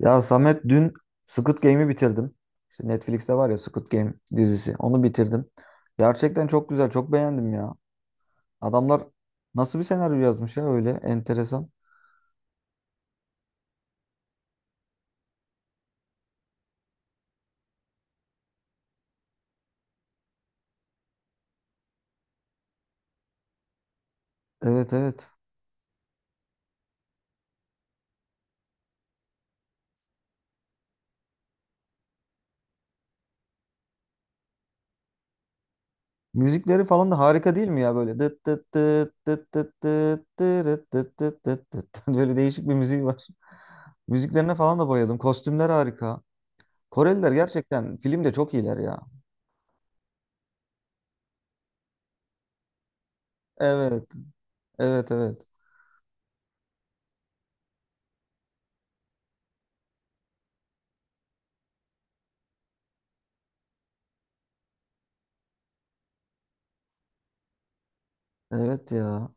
Ya Samet dün Squid Game'i bitirdim. İşte Netflix'te var ya Squid Game dizisi. Onu bitirdim. Gerçekten çok güzel, çok beğendim ya. Adamlar nasıl bir senaryo yazmış ya öyle enteresan. Evet evet. Müzikleri falan da harika değil mi ya böyle? Dıt dıt dıt dıt dıt dıt dırıt dıt dıt dıt dıt. Dıt. Böyle değişik bir müziği var. Müziklerine falan da bayıldım. Kostümler harika. Koreliler gerçekten filmde çok iyiler ya. Evet. Evet evet. Evet ya.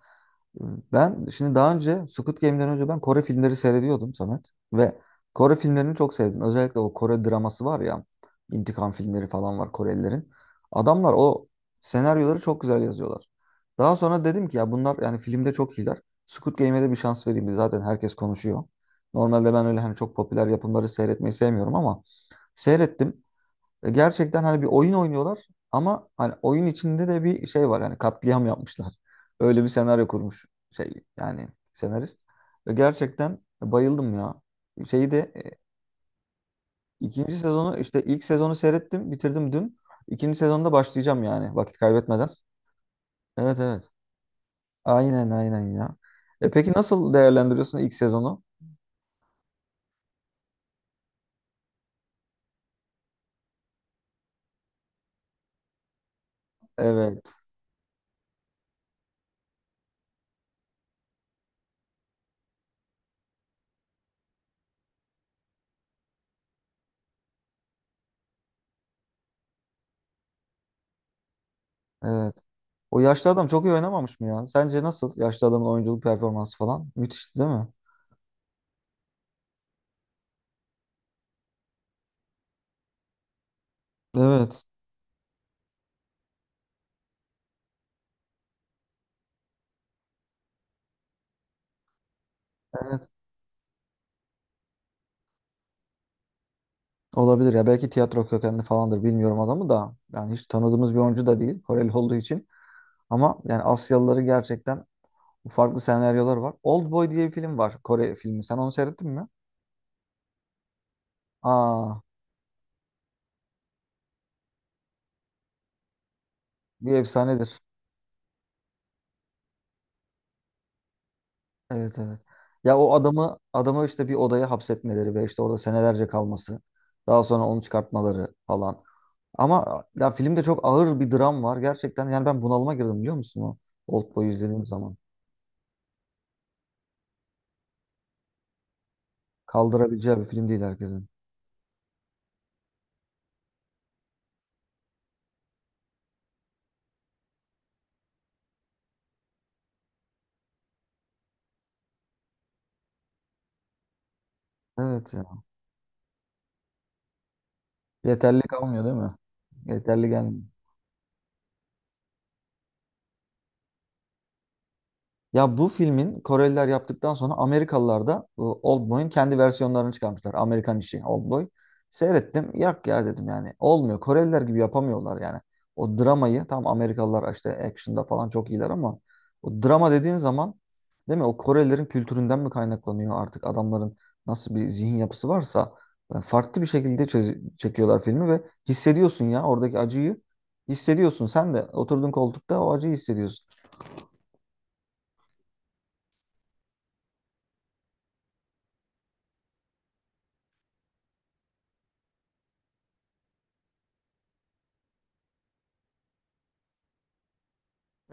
Ben şimdi daha önce Squid Game'den önce ben Kore filmleri seyrediyordum Samet. Ve Kore filmlerini çok sevdim. Özellikle o Kore draması var ya. İntikam filmleri falan var Korelilerin. Adamlar o senaryoları çok güzel yazıyorlar. Daha sonra dedim ki ya bunlar yani filmde çok iyiler. Squid Game'e de bir şans vereyim. Zaten herkes konuşuyor. Normalde ben öyle hani çok popüler yapımları seyretmeyi sevmiyorum ama seyrettim. Gerçekten hani bir oyun oynuyorlar ama hani oyun içinde de bir şey var. Hani katliam yapmışlar. Öyle bir senaryo kurmuş şey yani senarist. Gerçekten bayıldım ya. Şeyi de ikinci sezonu işte ilk sezonu seyrettim, bitirdim dün. İkinci sezonda başlayacağım yani vakit kaybetmeden. Evet evet. Aynen aynen ya. E peki nasıl değerlendiriyorsun ilk sezonu? Evet, evet. O yaşlı adam çok iyi oynamamış mı ya? Sence nasıl yaşlı adamın oyunculuk performansı falan? Müthişti değil mi? Evet, evet, olabilir ya, belki tiyatro kökenli falandır bilmiyorum adamı da, yani hiç tanıdığımız bir oyuncu da değil Koreli olduğu için. Ama yani Asyalıları gerçekten farklı senaryolar var. Oldboy diye bir film var, Kore filmi, sen onu seyrettin mi? Aa, bir efsanedir. Evet evet. Ya o adamı işte bir odaya hapsetmeleri ve işte orada senelerce kalması, daha sonra onu çıkartmaları falan. Ama ya filmde çok ağır bir dram var gerçekten, yani ben bunalıma girdim biliyor musun o Oldboy'u izlediğim zaman. Kaldırabileceği bir film değil herkesin. Evet ya. Yeterli kalmıyor değil mi? Yeterli gelmiyor. Ya bu filmin Koreliler yaptıktan sonra Amerikalılar da bu Oldboy'un kendi versiyonlarını çıkarmışlar. Amerikan işi Oldboy. Seyrettim. Yak ya dedim yani. Olmuyor. Koreliler gibi yapamıyorlar yani. O dramayı tam Amerikalılar işte action'da falan çok iyiler ama o drama dediğin zaman değil mi? O Korelilerin kültüründen mi kaynaklanıyor artık adamların nasıl bir zihin yapısı varsa, yani farklı bir şekilde çekiyorlar filmi ve hissediyorsun ya oradaki acıyı hissediyorsun. Sen de oturduğun koltukta o acıyı hissediyorsun.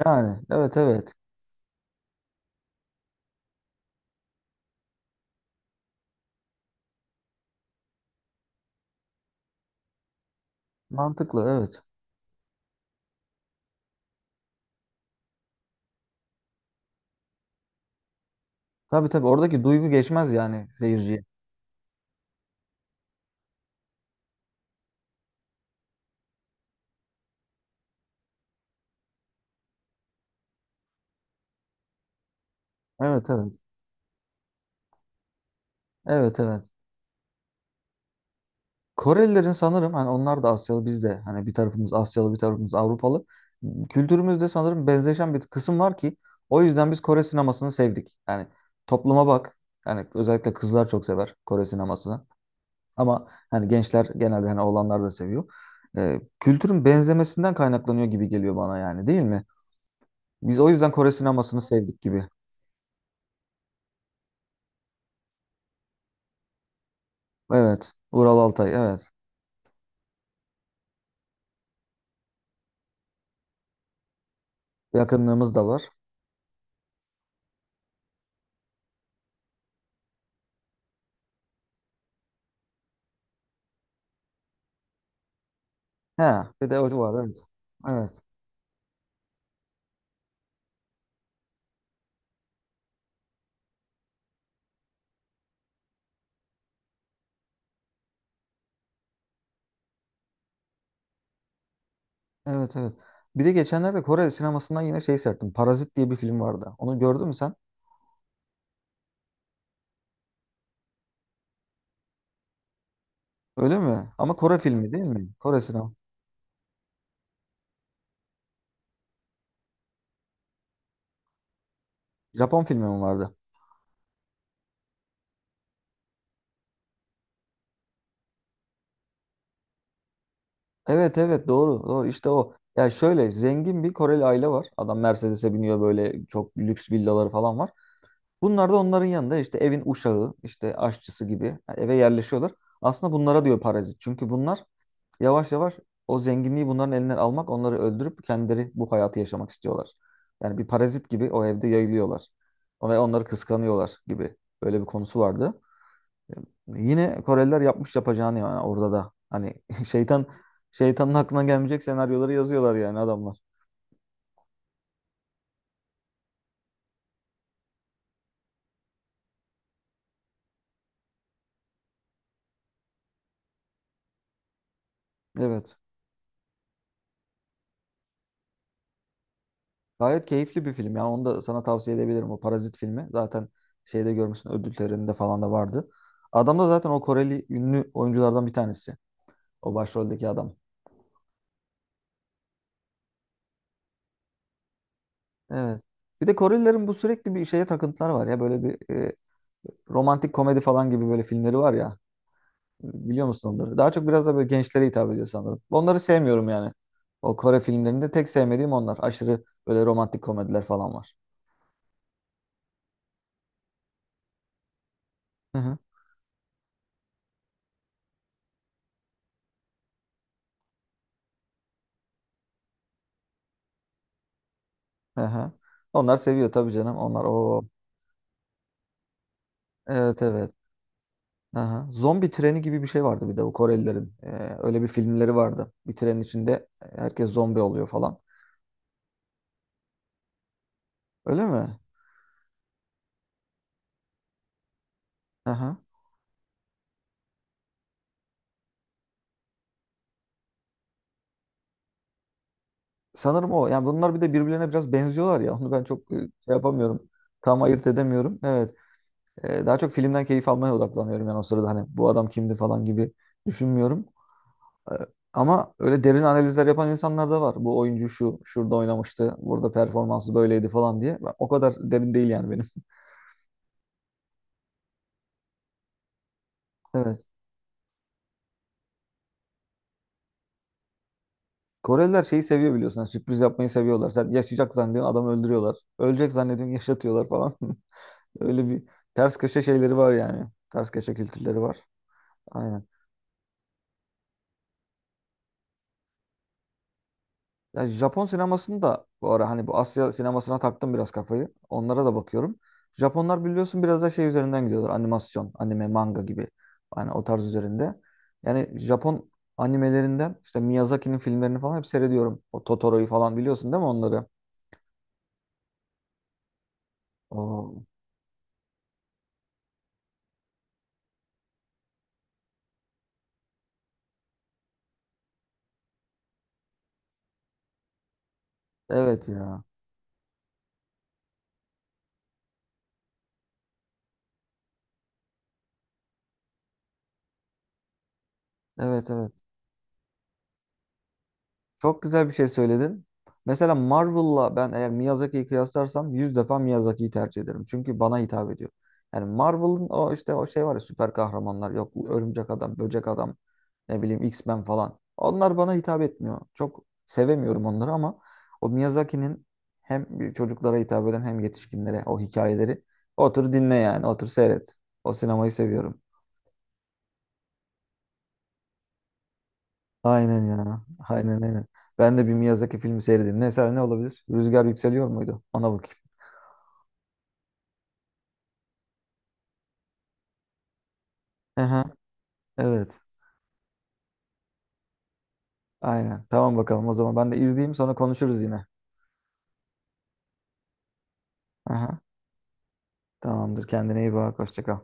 Yani evet evet. Mantıklı evet. Tabii tabii oradaki duygu geçmez yani seyirciye. Evet evet. Evet evet. Korelilerin sanırım hani onlar da Asyalı, biz de hani bir tarafımız Asyalı bir tarafımız Avrupalı. Kültürümüzde sanırım benzeşen bir kısım var ki o yüzden biz Kore sinemasını sevdik. Yani topluma bak. Yani özellikle kızlar çok sever Kore sinemasını. Ama hani gençler genelde hani oğlanlar da seviyor. Kültürün benzemesinden kaynaklanıyor gibi geliyor bana yani değil mi? Biz o yüzden Kore sinemasını sevdik gibi. Evet. Ural Altay evet. Yakınlığımız da var. He, bir de o var evet. Evet. Evet evet. Bir de geçenlerde Kore sinemasından yine şey serttim, Parazit diye bir film vardı. Onu gördün mü sen? Öyle mi? Ama Kore filmi değil mi? Kore sinema. Japon filmi mi vardı? Evet evet, doğru doğru, işte o. Ya şöyle zengin bir Koreli aile var. Adam Mercedes'e biniyor, böyle çok lüks villaları falan var. Bunlar da onların yanında işte evin uşağı, işte aşçısı gibi eve yerleşiyorlar. Aslında bunlara diyor parazit. Çünkü bunlar yavaş yavaş o zenginliği bunların elinden almak, onları öldürüp kendileri bu hayatı yaşamak istiyorlar. Yani bir parazit gibi o evde yayılıyorlar. Ve onları kıskanıyorlar gibi. Böyle bir konusu vardı. Yine Koreliler yapmış yapacağını yani orada da. Hani şeytan, şeytanın aklına gelmeyecek senaryoları yazıyorlar yani adamlar. Evet. Gayet keyifli bir film. Yani onu da sana tavsiye edebilirim. O Parazit filmi. Zaten şeyde görmüşsün ödül töreninde falan da vardı. Adam da zaten o Koreli ünlü oyunculardan bir tanesi. O başroldeki adam. Evet. Bir de Korelilerin bu sürekli bir şeye takıntılar var ya, böyle bir romantik komedi falan gibi böyle filmleri var ya. Biliyor musun onları? Daha çok biraz da böyle gençlere hitap ediyor sanırım. Onları sevmiyorum yani. O Kore filmlerinde tek sevmediğim onlar. Aşırı böyle romantik komediler falan var. Hı hı. Hı hı. Onlar seviyor tabii canım. Onlar o evet evet. Hı hı. Zombi treni gibi bir şey vardı bir de bu Korelilerin. Öyle bir filmleri vardı. Bir trenin içinde herkes zombi oluyor falan. Öyle mi? Hı hı. Sanırım o. Yani bunlar bir de birbirlerine biraz benziyorlar ya. Onu ben çok şey yapamıyorum. Tam ayırt edemiyorum. Evet. Daha çok filmden keyif almaya odaklanıyorum yani o sırada hani bu adam kimdi falan gibi düşünmüyorum. E, Ama öyle derin analizler yapan insanlar da var. Bu oyuncu şu, şurada oynamıştı, burada performansı böyleydi falan diye. Ben- O kadar derin değil yani benim. Evet. Koreliler şeyi seviyor biliyorsun. Yani sürpriz yapmayı seviyorlar. Sen yaşayacak zannediyorsun adamı öldürüyorlar. Ölecek zannediyorsun yaşatıyorlar falan. Öyle bir ters köşe şeyleri var yani. Ters köşe kültürleri var. Aynen. Ya Japon sinemasını da bu ara hani bu Asya sinemasına taktım biraz kafayı. Onlara da bakıyorum. Japonlar biliyorsun biraz da şey üzerinden gidiyorlar. Animasyon, anime, manga gibi. Yani o tarz üzerinde. Yani Japon animelerinden işte Miyazaki'nin filmlerini falan hep seyrediyorum. O Totoro'yu falan biliyorsun değil mi onları? Oo, evet ya. Evet evet. Çok güzel bir şey söyledin. Mesela Marvel'la ben eğer Miyazaki'yi kıyaslarsam 100 defa Miyazaki'yi tercih ederim. Çünkü bana hitap ediyor. Yani Marvel'ın o işte o şey var ya süper kahramanlar, yok örümcek adam, böcek adam, ne bileyim X-Men falan. Onlar bana hitap etmiyor. Çok sevemiyorum onları ama o Miyazaki'nin hem çocuklara hitap eden hem yetişkinlere o hikayeleri, otur dinle yani, otur seyret. O sinemayı seviyorum. Aynen ya. Aynen aynen. Ben de bir Miyazaki filmi seyredeyim. Ne, mesela ne olabilir? Rüzgar Yükseliyor muydu? Ona bakayım. Aha, evet. Aynen. Tamam bakalım o zaman ben de izleyeyim, sonra konuşuruz yine. Aha, tamamdır. Kendine iyi bak. Hoşça kal.